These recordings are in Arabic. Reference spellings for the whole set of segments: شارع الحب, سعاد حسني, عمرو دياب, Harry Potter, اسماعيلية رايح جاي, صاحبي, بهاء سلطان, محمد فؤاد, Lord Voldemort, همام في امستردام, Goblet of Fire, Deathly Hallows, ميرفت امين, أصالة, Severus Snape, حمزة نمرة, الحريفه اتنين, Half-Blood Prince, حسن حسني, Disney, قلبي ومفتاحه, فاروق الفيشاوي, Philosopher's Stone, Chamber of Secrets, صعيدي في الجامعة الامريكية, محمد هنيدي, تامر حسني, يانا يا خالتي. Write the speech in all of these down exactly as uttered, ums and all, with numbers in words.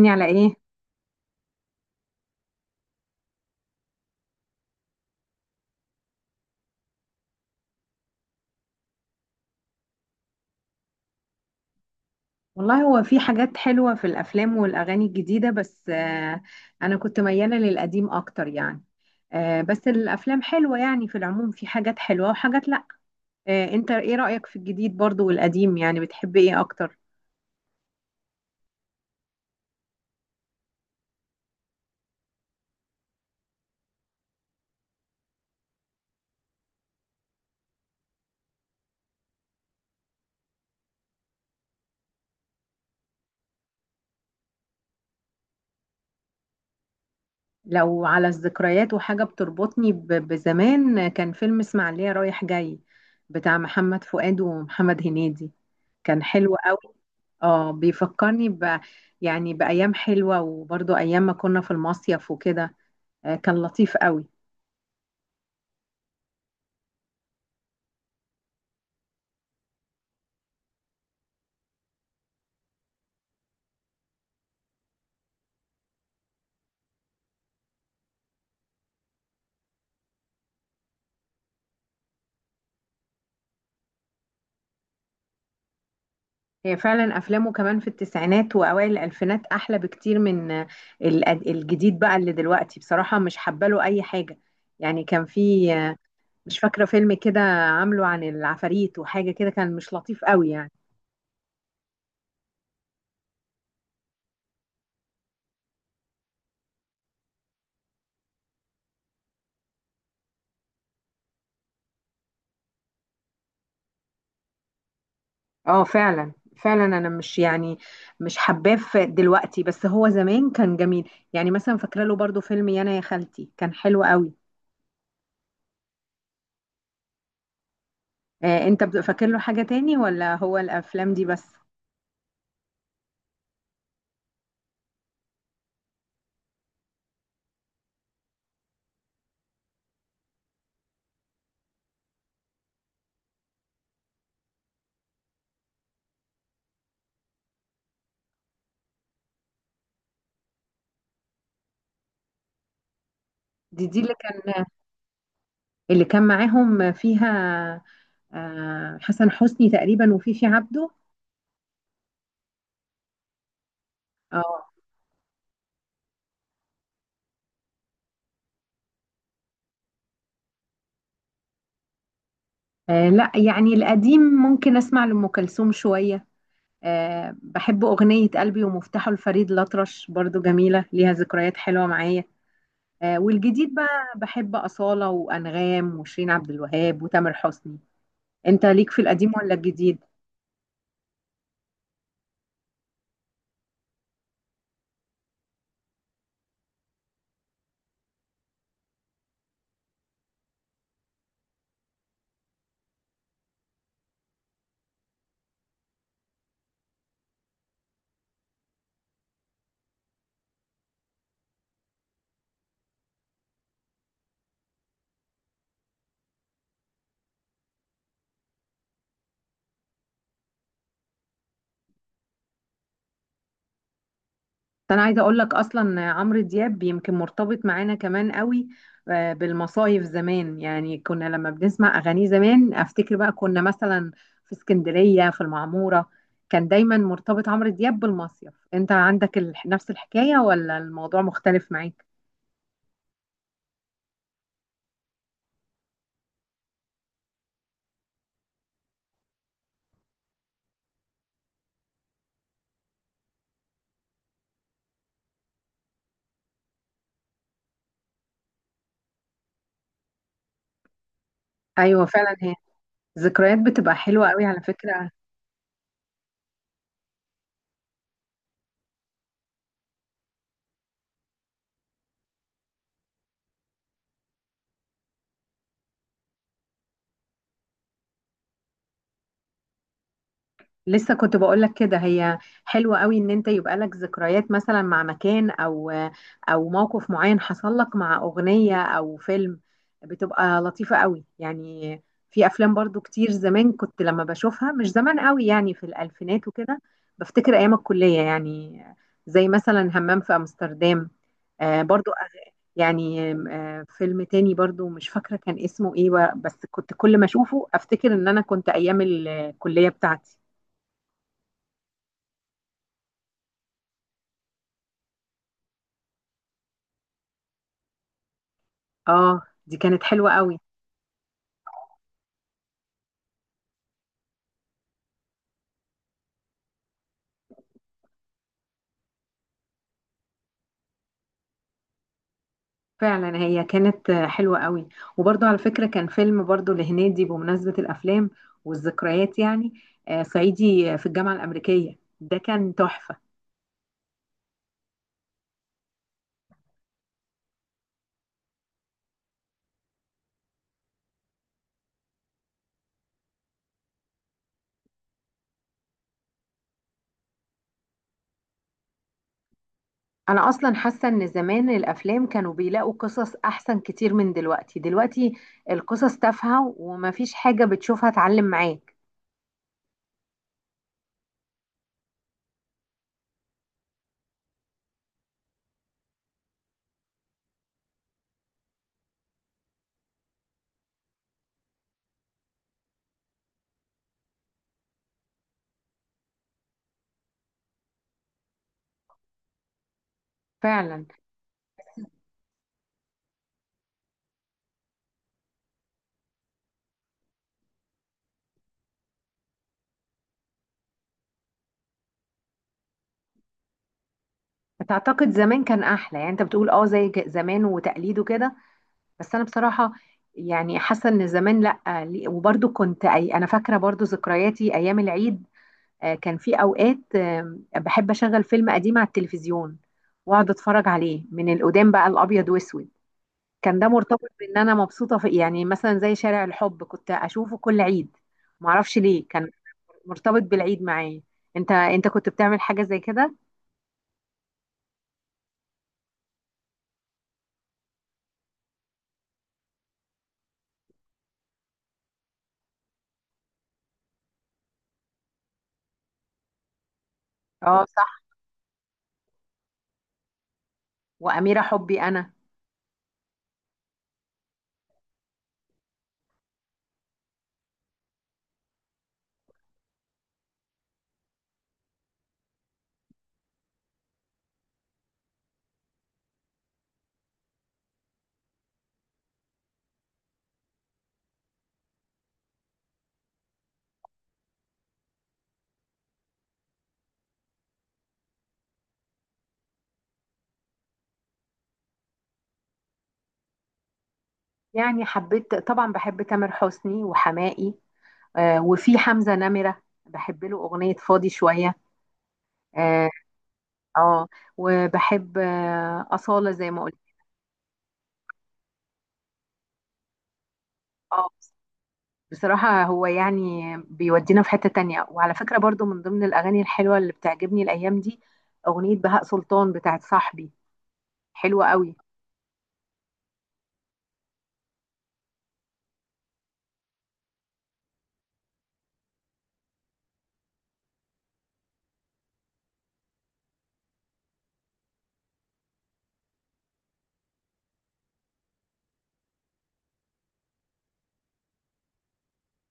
هتسألني على ايه؟ والله، هو في حاجات حلوة في الأفلام والأغاني الجديدة، بس آه، أنا كنت ميالة للقديم أكتر يعني. آه، بس الأفلام حلوة يعني، في العموم في حاجات حلوة وحاجات لأ. آه، أنت ايه رأيك في الجديد برضو والقديم؟ يعني بتحب ايه أكتر؟ لو على الذكريات وحاجة بتربطني ب- بزمان، كان فيلم اسماعيلية رايح جاي بتاع محمد فؤاد ومحمد هنيدي، كان حلو قوي. اه، بيفكرني ب يعني بأيام حلوة، وبرضو أيام ما كنا في المصيف وكده. آه، كان لطيف قوي. هي فعلا أفلامه كمان في التسعينات وأوائل الألفينات أحلى بكتير من آه، ال- الجديد بقى اللي دلوقتي، بصراحة مش حباله أي حاجة. يعني كان في مش فاكرة فيلم كده عامله عن العفاريت وحاجة كده، كان مش لطيف قوي يعني. اه فعلا، فعلا انا مش يعني مش حباه في- دلوقتي، بس هو زمان كان جميل. يعني مثلا فاكره له برضو فيلم يانا يا خالتي، كان حلو قوي. آه، انت بت- فاكر له حاجه تاني ولا هو الافلام دي بس؟ دي دي اللي كان اللي كان معاهم فيها آه حسن حسني تقريبا، وفيفي عبده. اه. آه، لا يعني القديم ممكن اسمع لأم كلثوم شويه. آه، بحب أغنية قلبي ومفتاحه لفريد الأطرش، برضو جميلة ليها ذكريات حلوة معايا. آه، والجديد بقى بحب أصالة وأنغام وشيرين عبد الوهاب وتامر حسني. أنت ليك في القديم ولا الجديد؟ بس أنا عايزة أقول لك، أصلا عمرو دياب يمكن مرتبط معانا كمان قوي آه، بالمصايف زمان. يعني كنا لما بنسمع أغانيه زمان، أفتكر بقى كنا مثلا في اسكندرية في المعمورة، كان دايما مرتبط عمرو دياب بالمصيف. أنت عندك ال- نفس الحكاية ولا الموضوع مختلف معاك؟ ايوه فعلا، هي ذكريات بتبقى حلوه قوي على فكره. لسه كنت بقول لك كده، هي حلوه قوي ان انت يبقى لك ذكريات مثلا مع مكان او او موقف معين حصل لك مع اغنيه او فيلم، بتبقى لطيفه قوي يعني. في افلام برضو كتير زمان كنت لما بشوفها، مش زمان قوي يعني، في الالفينات وكده، بفتكر ايام الكليه يعني. زي مثلا همام في امستردام، آه، برضو. يعني آم، آه، فيلم تاني برضو مش فاكرة كان اسمه ايه و- بس كنت كل ما اشوفه افتكر ان انا كنت ايام الكلية بتاعتي. اه دي كانت حلوة قوي. فعلا هي كانت آه، حلوة قوي. وبرضو على فكرة كان فيلم برضو لهنيدي بمناسبة الافلام والذكريات يعني، آه، صعيدي في الجامعة الامريكية، ده كان تحفة. انا اصلا حاسة ان زمان الافلام كانوا بيلاقوا قصص احسن كتير من دلوقتي. دلوقتي القصص تافهة، ومفيش حاجة بتشوفها تعلم معاك. فعلا. تعتقد زمان كان احلى؟ يعني انت بتقول اه زي ج- زمان وتقليد وكده، بس انا بصراحه يعني حاسه ان زمان لا، ليه- وبرضو كنت أي انا فاكره برضو ذكرياتي ايام العيد. آه، كان في اوقات آم، بحب اشغل فيلم قديم على التلفزيون، واقعد اتفرج عليه من القدام بقى، الابيض واسود، كان ده مرتبط بان انا مبسوطه في، يعني مثلا زي شارع الحب كنت اشوفه كل عيد، معرفش ليه كان مرتبط بالعيد معايا. انت انت كنت بتعمل حاجه زي كده؟ اه صح. واميره حبي انا. يعني حبيت طبعا، بحب تامر حسني وحماقي، آه وفي حمزة نمرة بحب له أغنية فاضي شوية. اه. آه وبحب آه أصالة زي ما قلت. اه، بصراحة هو يعني بيودينا في حتة تانية. وعلى فكرة برضو، من ضمن الأغاني الحلوة اللي بتعجبني الأيام دي أغنية بهاء سلطان بتاعت صاحبي، حلوة قوي.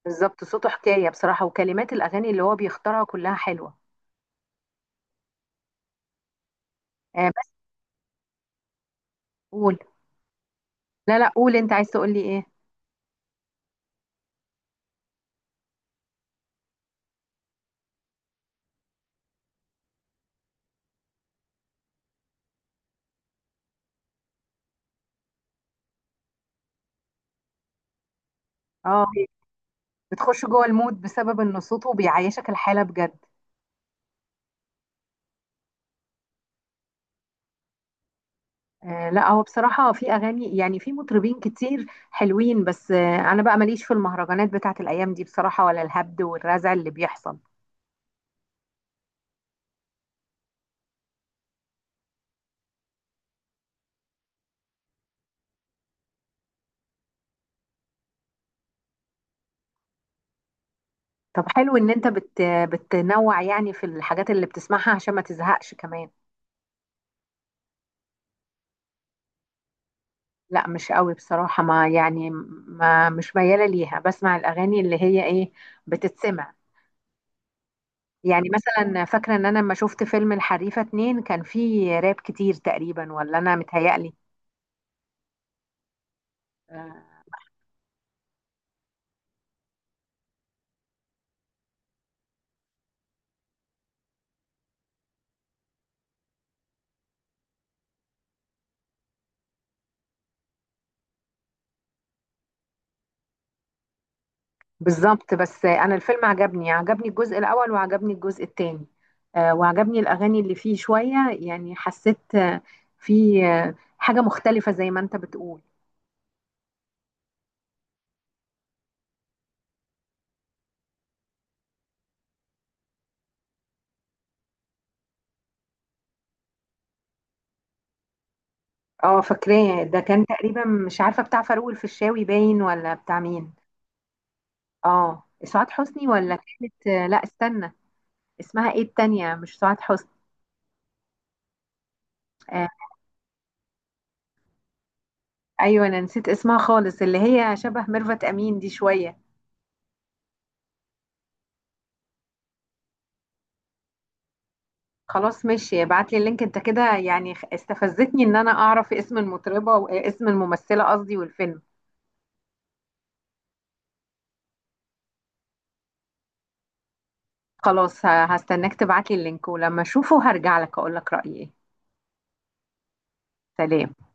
بالظبط، صوته حكاية بصراحة، وكلمات الأغاني اللي هو بيختارها كلها حلوة. آه بس قول. لا لا، قول أنت عايز تقول لي إيه. اه، بتخش جوه المود بسبب ان صوته بيعيشك الحاله بجد. آه لا، هو بصراحه في اغاني يعني، في مطربين كتير حلوين، بس آه انا بقى ماليش في المهرجانات بتاعت الايام دي بصراحه، ولا الهبد والرزع اللي بيحصل. طب حلو ان انت بت بتنوع يعني في الحاجات اللي بتسمعها عشان ما تزهقش كمان. لا مش قوي بصراحه، ما يعني، ما مش مياله ليها، بسمع الاغاني اللي هي ايه، بتتسمع. يعني مثلا فاكره ان انا لما شفت فيلم الحريفه اتنين كان فيه راب كتير تقريبا، ولا انا متهيألي؟ آه، بالظبط. بس انا الفيلم عجبني عجبني الجزء الاول، وعجبني الجزء الثاني، وعجبني الاغاني اللي فيه شويه، يعني حسيت آه، في آه، حاجه مختلفه زي ما انت بتقول. اه فاكراه، ده كان تقريبا مش عارفه، بتاع فاروق الفيشاوي باين ولا بتاع مين. اه سعاد حسني، ولا كانت آه، لا استنى، اسمها ايه التانية؟ مش سعاد حسني. آه. ايوه انا نسيت اسمها خالص، اللي هي شبه ميرفت امين دي شويه. خلاص ماشي، ابعت لي اللينك، انت كده يعني خ- استفزتني ان انا اعرف اسم المطربة واسم الممثلة قصدي، والفيلم. خلاص، ه- هستناك تبعت لي اللينك، ولما اشوفه هرجع لك اقول لك رأيي ايه. سلام.